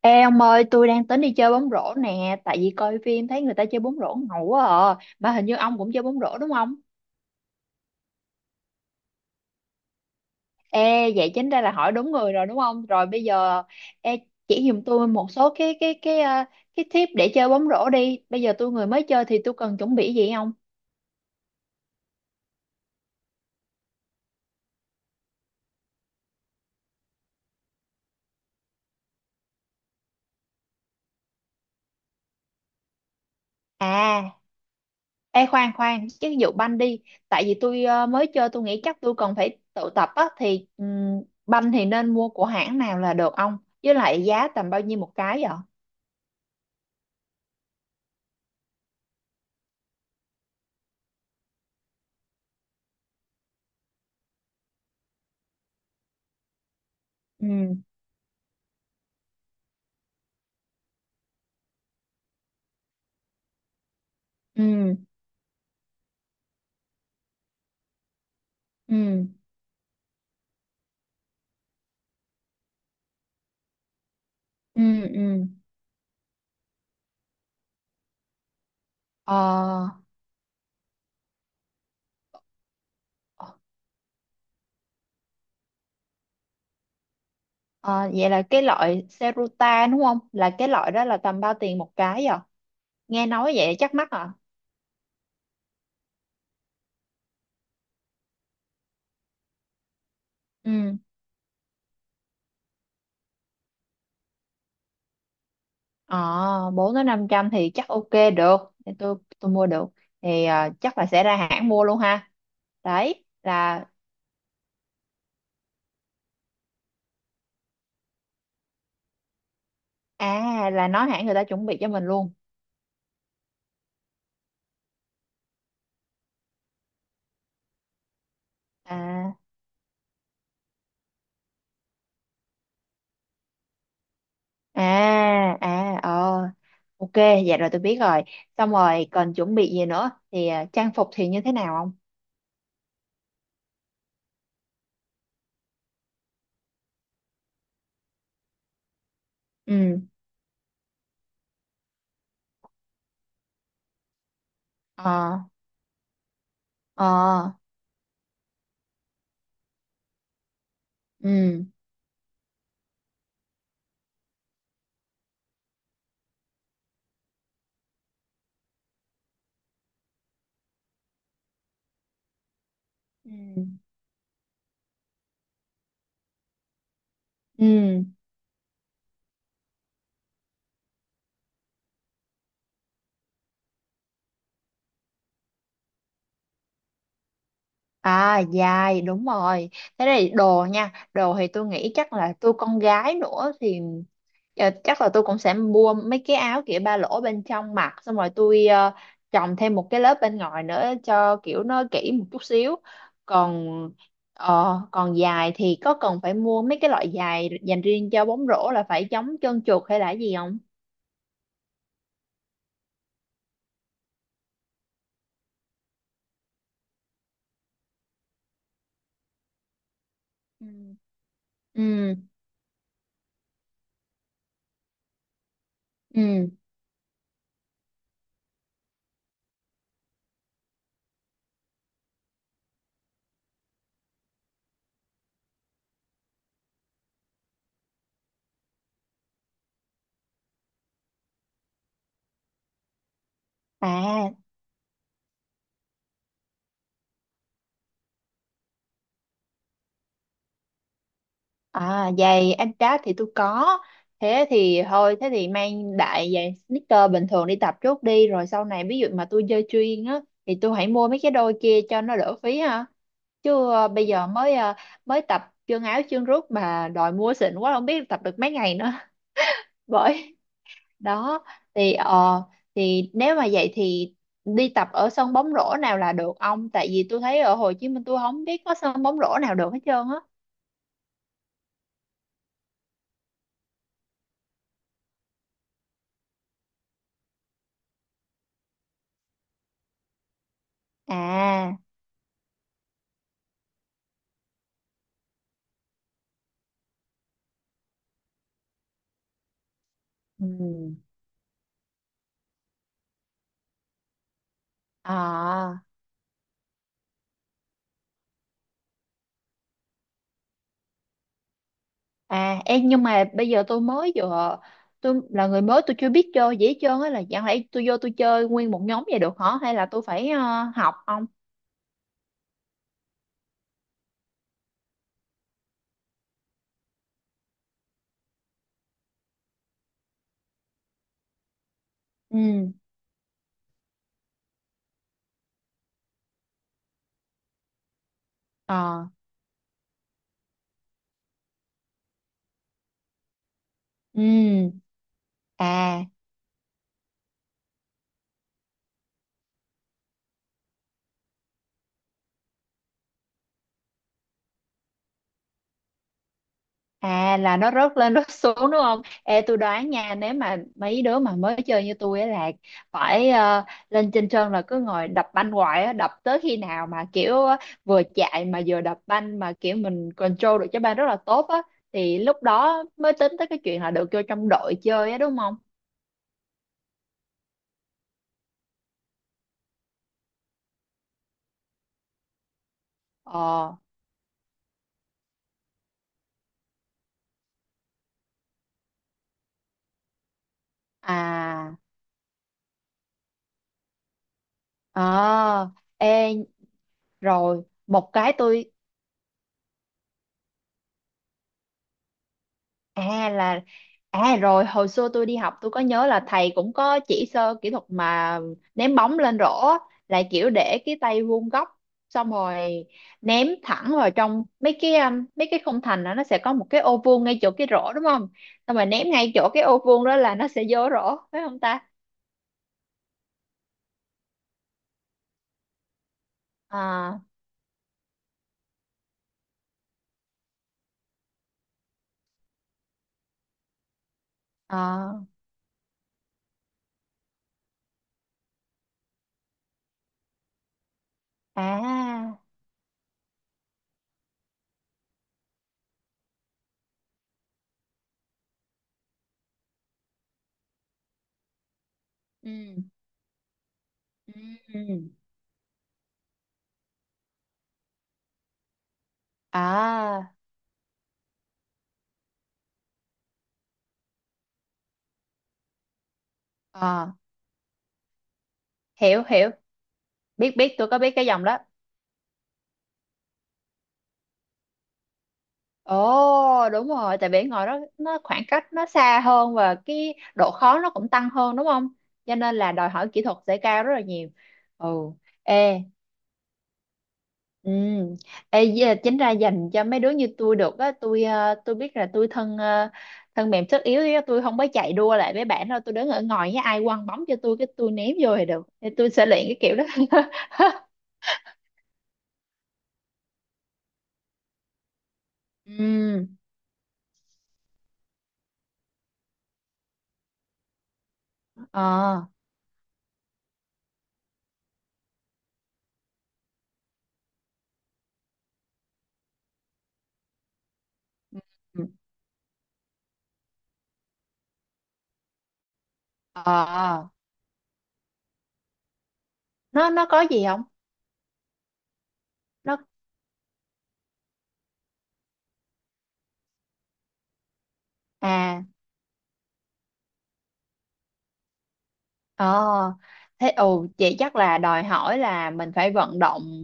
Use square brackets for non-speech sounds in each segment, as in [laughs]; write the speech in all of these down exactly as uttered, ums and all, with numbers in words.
Ê ông ơi, tôi đang tính đi chơi bóng rổ nè, tại vì coi phim thấy người ta chơi bóng rổ ngầu quá à. Mà hình như ông cũng chơi bóng rổ đúng không? Ê, vậy chính ra là hỏi đúng người rồi đúng không? Rồi bây giờ ê, chỉ giùm tôi một số cái cái cái ờ, cái tip để chơi bóng rổ đi. Bây giờ tôi người mới chơi thì tôi cần chuẩn bị gì không? À, ê khoan khoan, chứ ví dụ banh đi, tại vì tôi ờ, mới chơi tôi nghĩ chắc tôi cần phải tự tập á thì ừm, banh thì nên mua của hãng nào là được ông? Với lại giá tầm bao nhiêu một cái vậy? Ừ. Ừ. Ừ, ừ, ừ, ờ, ờ. ờ, Vậy là cái loại Serutan đúng không, là cái loại đó là tầm bao tiền một cái à, nghe nói vậy chắc mắc à. Ừ. ờ Bốn đến năm trăm thì chắc ok, được, thì tôi tôi mua được, thì ờ, chắc là sẽ ra hãng mua luôn ha. Đấy là à là nói hãng người ta chuẩn bị cho mình luôn. À, à, à, ờ. Ok, dạ rồi tôi biết rồi. Xong rồi còn chuẩn bị gì nữa thì à, trang phục thì như thế nào không? Ừ. Ờ. Ờ. Ừ, ừ, ừ. À, dài đúng rồi. Thế này đồ nha. Đồ thì tôi nghĩ chắc là tôi con gái nữa thì ờ, chắc là tôi cũng sẽ mua mấy cái áo kiểu ba lỗ bên trong mặc, xong rồi tôi ờ, chồng thêm một cái lớp bên ngoài nữa cho kiểu nó kỹ một chút xíu. Còn ờ, còn dài thì có cần phải mua mấy cái loại dài dành riêng cho bóng rổ là phải chống trơn trượt hay là gì không? Ừ. Ừ. Ừ. À. À, giày Adidas thì tôi có. Thế thì thôi, thế thì mang đại giày sneaker bình thường đi tập trước đi. Rồi sau này ví dụ mà tôi chơi chuyên á, thì tôi hãy mua mấy cái đôi kia cho nó đỡ phí ha. Chứ ờ, bây giờ mới ờ, mới tập chân áo chân rút, mà đòi mua xịn quá không biết tập được mấy ngày nữa. [laughs] Bởi đó. Thì ờ Thì nếu mà vậy thì đi tập ở sân bóng rổ nào là được ông? Tại vì tôi thấy ở Hồ Chí Minh tôi không biết có sân bóng rổ nào được hết trơn á. À. Ừ. À. À, em nhưng mà bây giờ tôi mới vừa, tôi là người mới tôi chưa biết chơi dễ hết á, là chẳng lẽ tôi vô tôi chơi nguyên một nhóm vậy được hả, hay là tôi phải ờ, học không? Ừ. Ờ. Ừ. À. À, là nó rớt lên rớt xuống đúng không? Ê tôi đoán nha, nếu mà mấy đứa mà mới chơi như tôi ấy là phải ờ, lên trên sân là cứ ngồi đập banh hoài á, đập tới khi nào mà kiểu ờ, vừa chạy mà vừa đập banh mà kiểu mình control được trái banh rất là tốt á, thì lúc đó mới tính tới cái chuyện là được vô trong đội chơi á đúng không? Ờ. À. Ờ. Ê, rồi một cái tôi. À, là à, rồi hồi xưa tôi đi học tôi có nhớ là thầy cũng có chỉ sơ kỹ thuật mà ném bóng lên rổ á, là kiểu để cái tay vuông góc, xong rồi ném thẳng vào trong mấy cái um, mấy cái khung thành. Đó nó sẽ có một cái ô vuông ngay chỗ cái rổ đúng không, xong rồi ném ngay chỗ cái ô vuông đó là nó sẽ vô rổ phải không ta. À, à, à. Ừ. Ừ. Ừ. À, à, hiểu hiểu, biết biết, tôi có biết cái dòng đó. Ồ đúng rồi, tại vì ngồi đó nó khoảng cách nó xa hơn và cái độ khó nó cũng tăng hơn đúng không, cho nên là đòi hỏi kỹ thuật sẽ cao rất là nhiều. Ừ. Ê. Ừ. Ê, với chính ra dành cho mấy đứa như tôi được á, tôi ờ, tôi biết là tôi thân ờ, thân mềm sức yếu á, tôi không có chạy đua lại với bạn đâu, tôi đứng ở ngoài với ai quăng bóng cho tôi cái tôi ném vô thì được, thì tôi sẽ luyện cái kiểu đó. [laughs] Ừ. Ờ. Ờ. Ờ. nó nó có gì không? Nó à. Ờ, thế ồ vậy chắc là đòi hỏi là mình phải vận động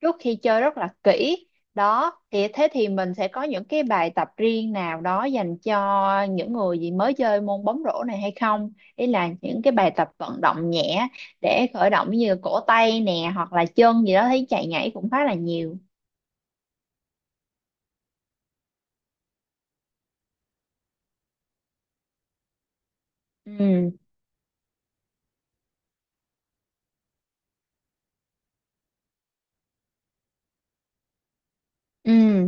trước khi chơi rất là kỹ. Đó, thì thế thì mình sẽ có những cái bài tập riêng nào đó dành cho những người gì mới chơi môn bóng rổ này hay không? Ý là những cái bài tập vận động nhẹ để khởi động như cổ tay nè hoặc là chân gì đó thấy chạy nhảy cũng khá là nhiều. Ừ, ừ,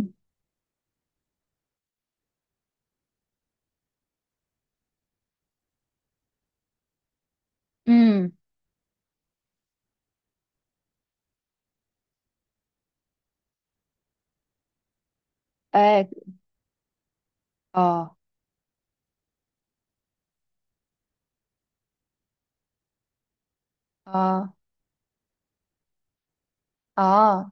ừ. Ê, ờ, ờ, ờ. Ờ.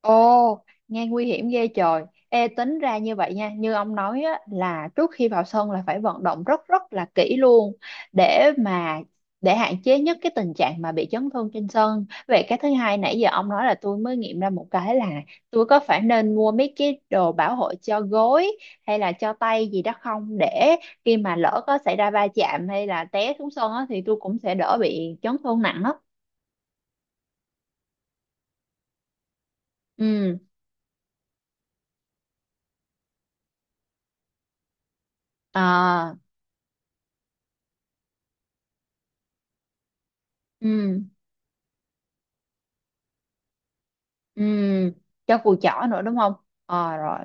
Ồ, nghe nguy hiểm ghê trời. Ê, tính ra như vậy nha, như ông nói á, là trước khi vào sân là phải vận động rất rất là kỹ luôn để mà để hạn chế nhất cái tình trạng mà bị chấn thương trên sân. Vậy cái thứ hai nãy giờ ông nói là tôi mới nghiệm ra một cái là tôi có phải nên mua mấy cái đồ bảo hộ cho gối hay là cho tay gì đó không, để khi mà lỡ có xảy ra va chạm hay là té xuống sân á, thì tôi cũng sẽ đỡ bị chấn thương nặng á. Ừ. À, ừ. Ừ, cho cùi chỏ nữa đúng không? Ờ rồi.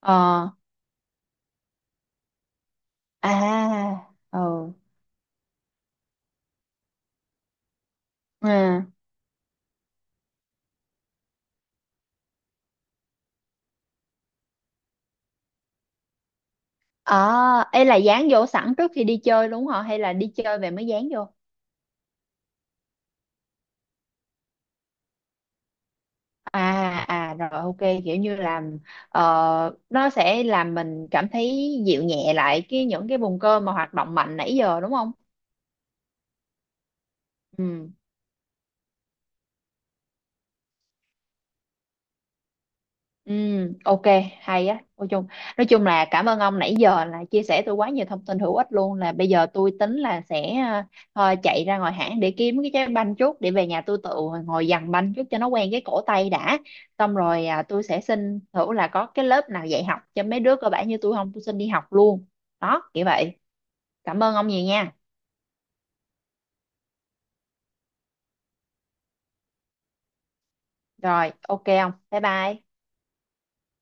Ờ, à, ừ. À. Ờ, ấy là dán vô sẵn trước khi đi chơi đúng không? Hay là đi chơi về mới dán vô? À, à rồi, ok, kiểu như là ờ, nó sẽ làm mình cảm thấy dịu nhẹ lại cái những cái vùng cơ mà hoạt động mạnh nãy giờ đúng không? Ừ. Ừ, ok, hay á. Nói chung, nói chung là cảm ơn ông nãy giờ là chia sẻ tôi quá nhiều thông tin hữu ích luôn. Là bây giờ tôi tính là sẽ ờ, thôi chạy ra ngoài hãng để kiếm cái trái banh chút để về nhà tôi tự ngồi dằn banh chút cho nó quen cái cổ tay đã. Xong rồi à, tôi sẽ xin thử là có cái lớp nào dạy học cho mấy đứa cơ bản như tôi không, tôi xin đi học luôn. Đó, kiểu vậy. Cảm ơn ông nhiều nha. Rồi, ok ông. Bye bye.